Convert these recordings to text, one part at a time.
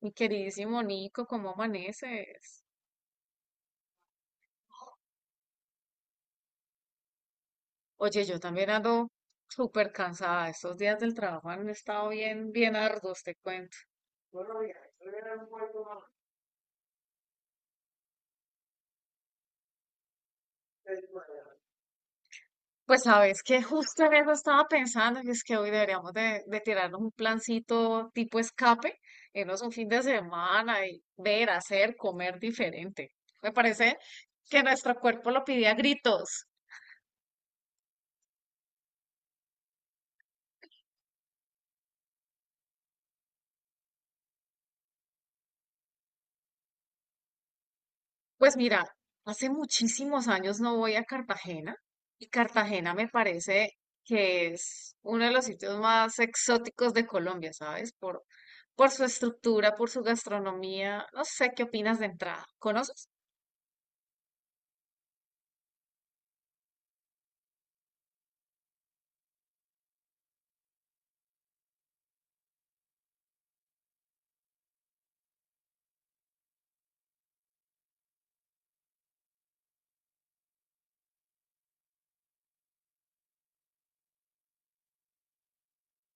Mi queridísimo Nico, ¿cómo amaneces? Oye, yo también ando súper cansada. Estos días del trabajo han estado bien, bien arduos, te cuento. Pues sabes que justo en eso estaba pensando, y es que hoy deberíamos de tirarnos un plancito tipo escape, irnos un fin de semana y ver, hacer, comer diferente. Me parece que nuestro cuerpo lo pide a gritos. Pues mira, hace muchísimos años no voy a Cartagena y Cartagena me parece que es uno de los sitios más exóticos de Colombia, ¿sabes? Por su estructura, por su gastronomía. No sé qué opinas de entrada. ¿Conoces?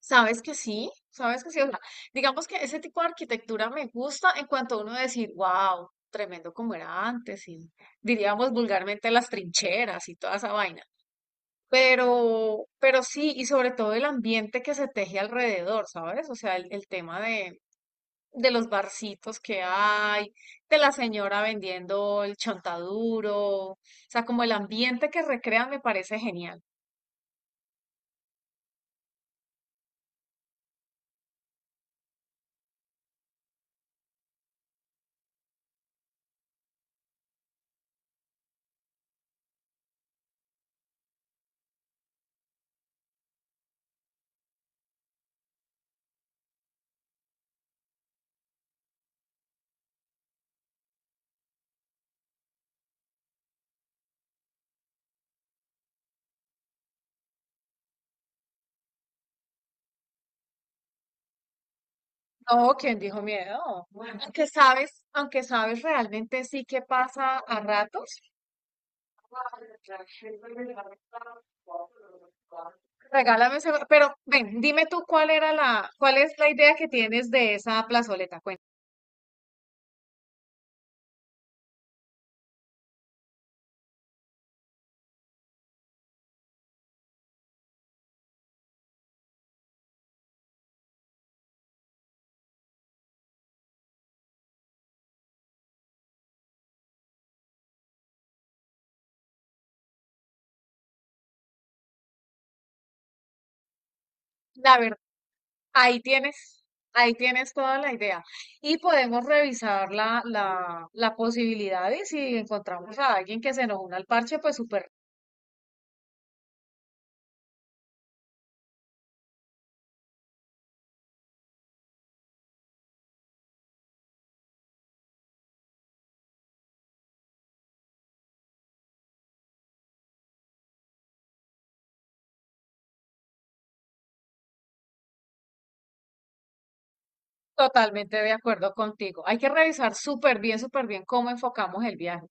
¿Sabes que sí? ¿Sabes que sí? O sea, digamos que ese tipo de arquitectura me gusta en cuanto a uno decir, wow, tremendo como era antes y diríamos vulgarmente las trincheras y toda esa vaina. Pero sí, y sobre todo el ambiente que se teje alrededor, ¿sabes? O sea, el tema de los barcitos que hay, de la señora vendiendo el chontaduro, o sea, como el ambiente que recrean me parece genial. No, ¿quién dijo miedo? Aunque sabes realmente sí que pasa a ratos. Regálame ese, pero ven, dime tú cuál es la idea que tienes de esa plazoleta. La verdad, ahí tienes, ahí tienes toda la idea. Y podemos revisar la posibilidad y si encontramos a alguien que se nos una al parche, pues súper, totalmente de acuerdo contigo. Hay que revisar súper bien cómo enfocamos el viaje.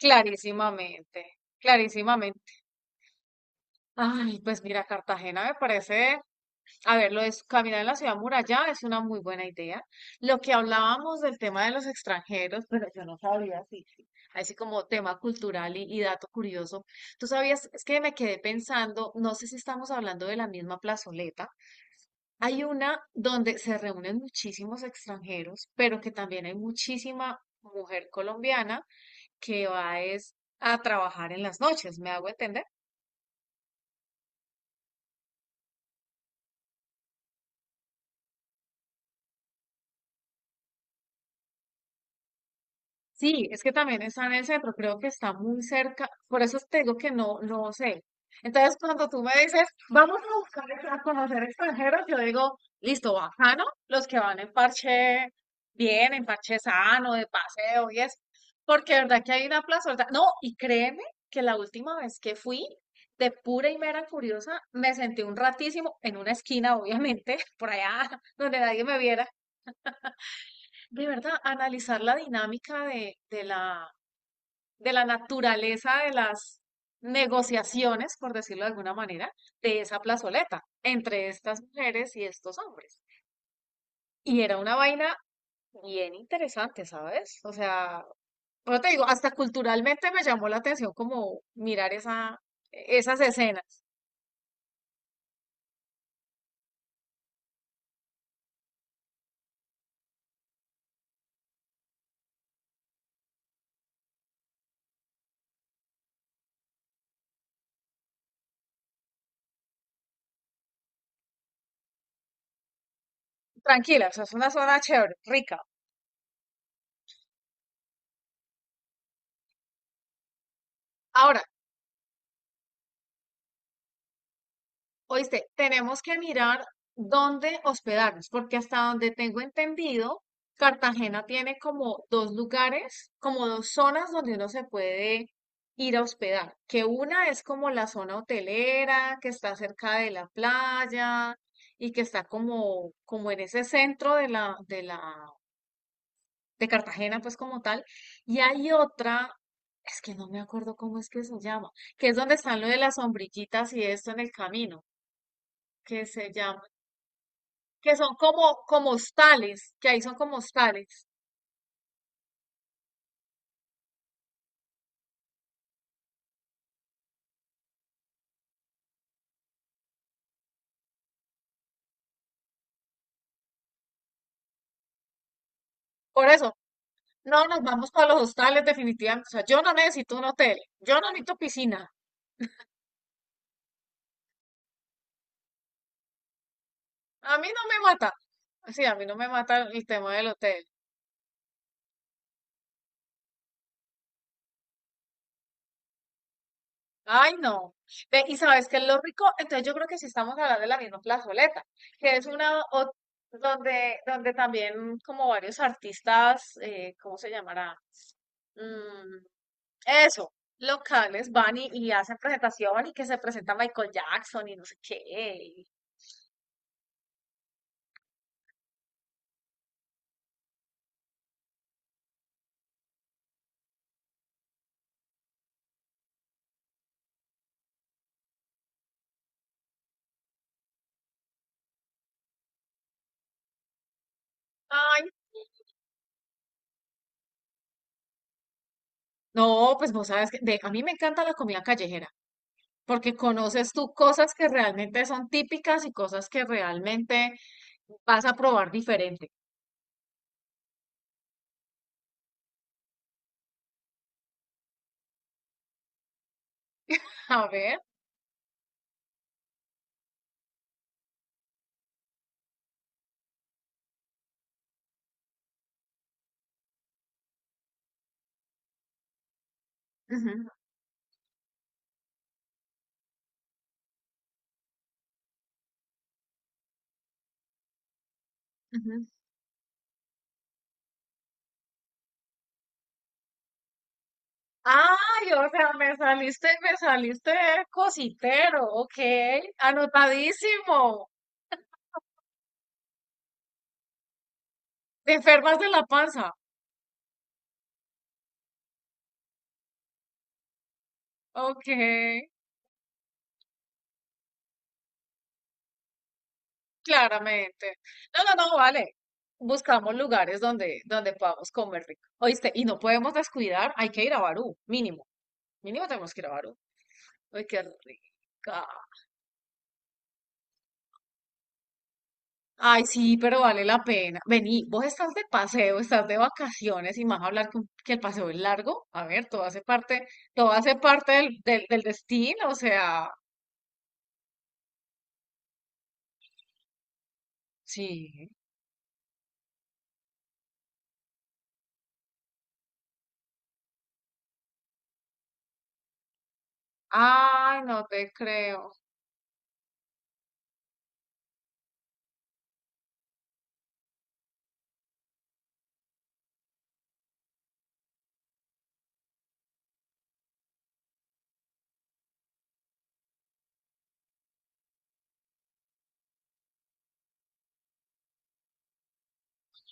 Clarísimamente, clarísimamente. Ay, pues mira, Cartagena me parece. A ver, lo de caminar en la ciudad muralla es una muy buena idea. Lo que hablábamos del tema de los extranjeros, pero yo no sabía así como tema cultural y dato curioso. Tú sabías, es que me quedé pensando, no sé si estamos hablando de la misma plazoleta. Hay una donde se reúnen muchísimos extranjeros, pero que también hay muchísima mujer colombiana que va es a trabajar en las noches, ¿me hago entender? Sí, es que también está en el centro, creo que está muy cerca, por eso te digo que no, no sé. Entonces, cuando tú me dices, vamos a buscar ex- a conocer extranjeros, yo digo, listo, bacano, los que van en parche bien, en parche sano, de paseo y eso, porque de verdad que hay una plaza, ¿verdad? No, y créeme que la última vez que fui, de pura y mera curiosa, me senté un ratísimo en una esquina, obviamente, por allá donde nadie me viera, de verdad, analizar la dinámica de la de la naturaleza de las negociaciones, por decirlo de alguna manera, de esa plazoleta entre estas mujeres y estos hombres. Y era una vaina bien interesante, ¿sabes? O sea, pero te digo, hasta culturalmente me llamó la atención como mirar esas escenas. Tranquila, o sea, es una zona chévere, rica. Ahora, oíste, tenemos que mirar dónde hospedarnos, porque hasta donde tengo entendido, Cartagena tiene como dos lugares, como dos zonas donde uno se puede ir a hospedar, que una es como la zona hotelera, que está cerca de la playa y que está como, como en ese centro de Cartagena, pues como tal, y hay otra, es que no me acuerdo cómo es que se llama, que es donde están lo de las sombrillitas y esto en el camino que se llama, que son como, como hostales, que ahí son como hostales. Por eso, no nos vamos para los hostales definitivamente. O sea, yo no necesito un hotel, yo no necesito piscina. A mí no me mata. Sí, a mí no me mata el tema del hotel. Ay, no. Ve, y sabes que es lo rico, entonces yo creo que sí estamos hablando de la misma plazoleta, que es una donde, donde también como varios artistas, ¿cómo se llamará? Mm, Eso, locales van y hacen presentación y que se presenta Michael Jackson y no sé qué. y- Ay, no, pues vos sabes que a mí me encanta la comida callejera, porque conoces tú cosas que realmente son típicas y cosas que realmente vas a probar diferente. A ver. Ujú, ujú. Ay, o sea, me saliste cositero, ok, anotadísimo. Te enfermas de la panza, ok. Claramente. No, no, no, vale. Buscamos lugares donde, donde podamos comer rico. ¿Oíste? Y no podemos descuidar, hay que ir a Barú, mínimo. Mínimo tenemos que ir a Barú. Ay, qué rica. Ay, sí, pero vale la pena. Vení, vos estás de paseo, estás de vacaciones y más hablar que el paseo es largo. A ver, todo hace parte del destino, o sea, sí. Ay, no te creo.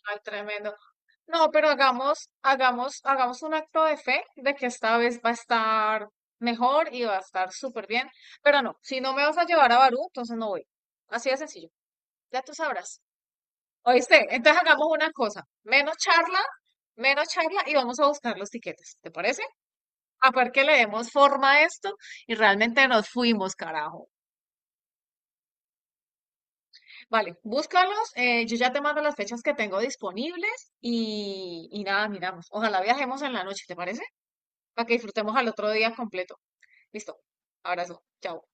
Ay, tremendo. No, pero hagamos, hagamos, hagamos un acto de fe de que esta vez va a estar mejor y va a estar súper bien. Pero no, si no me vas a llevar a Barú, entonces no voy. Así de sencillo. Ya tú sabrás. ¿Oíste? Entonces hagamos una cosa. Menos charla y vamos a buscar los tiquetes. ¿Te parece? A ver que le demos forma a esto y realmente nos fuimos, carajo. Vale, búscalos. Yo ya te mando las fechas que tengo disponibles y nada, miramos. Ojalá viajemos en la noche, ¿te parece? Para que disfrutemos al otro día completo. Listo. Abrazo. Chao.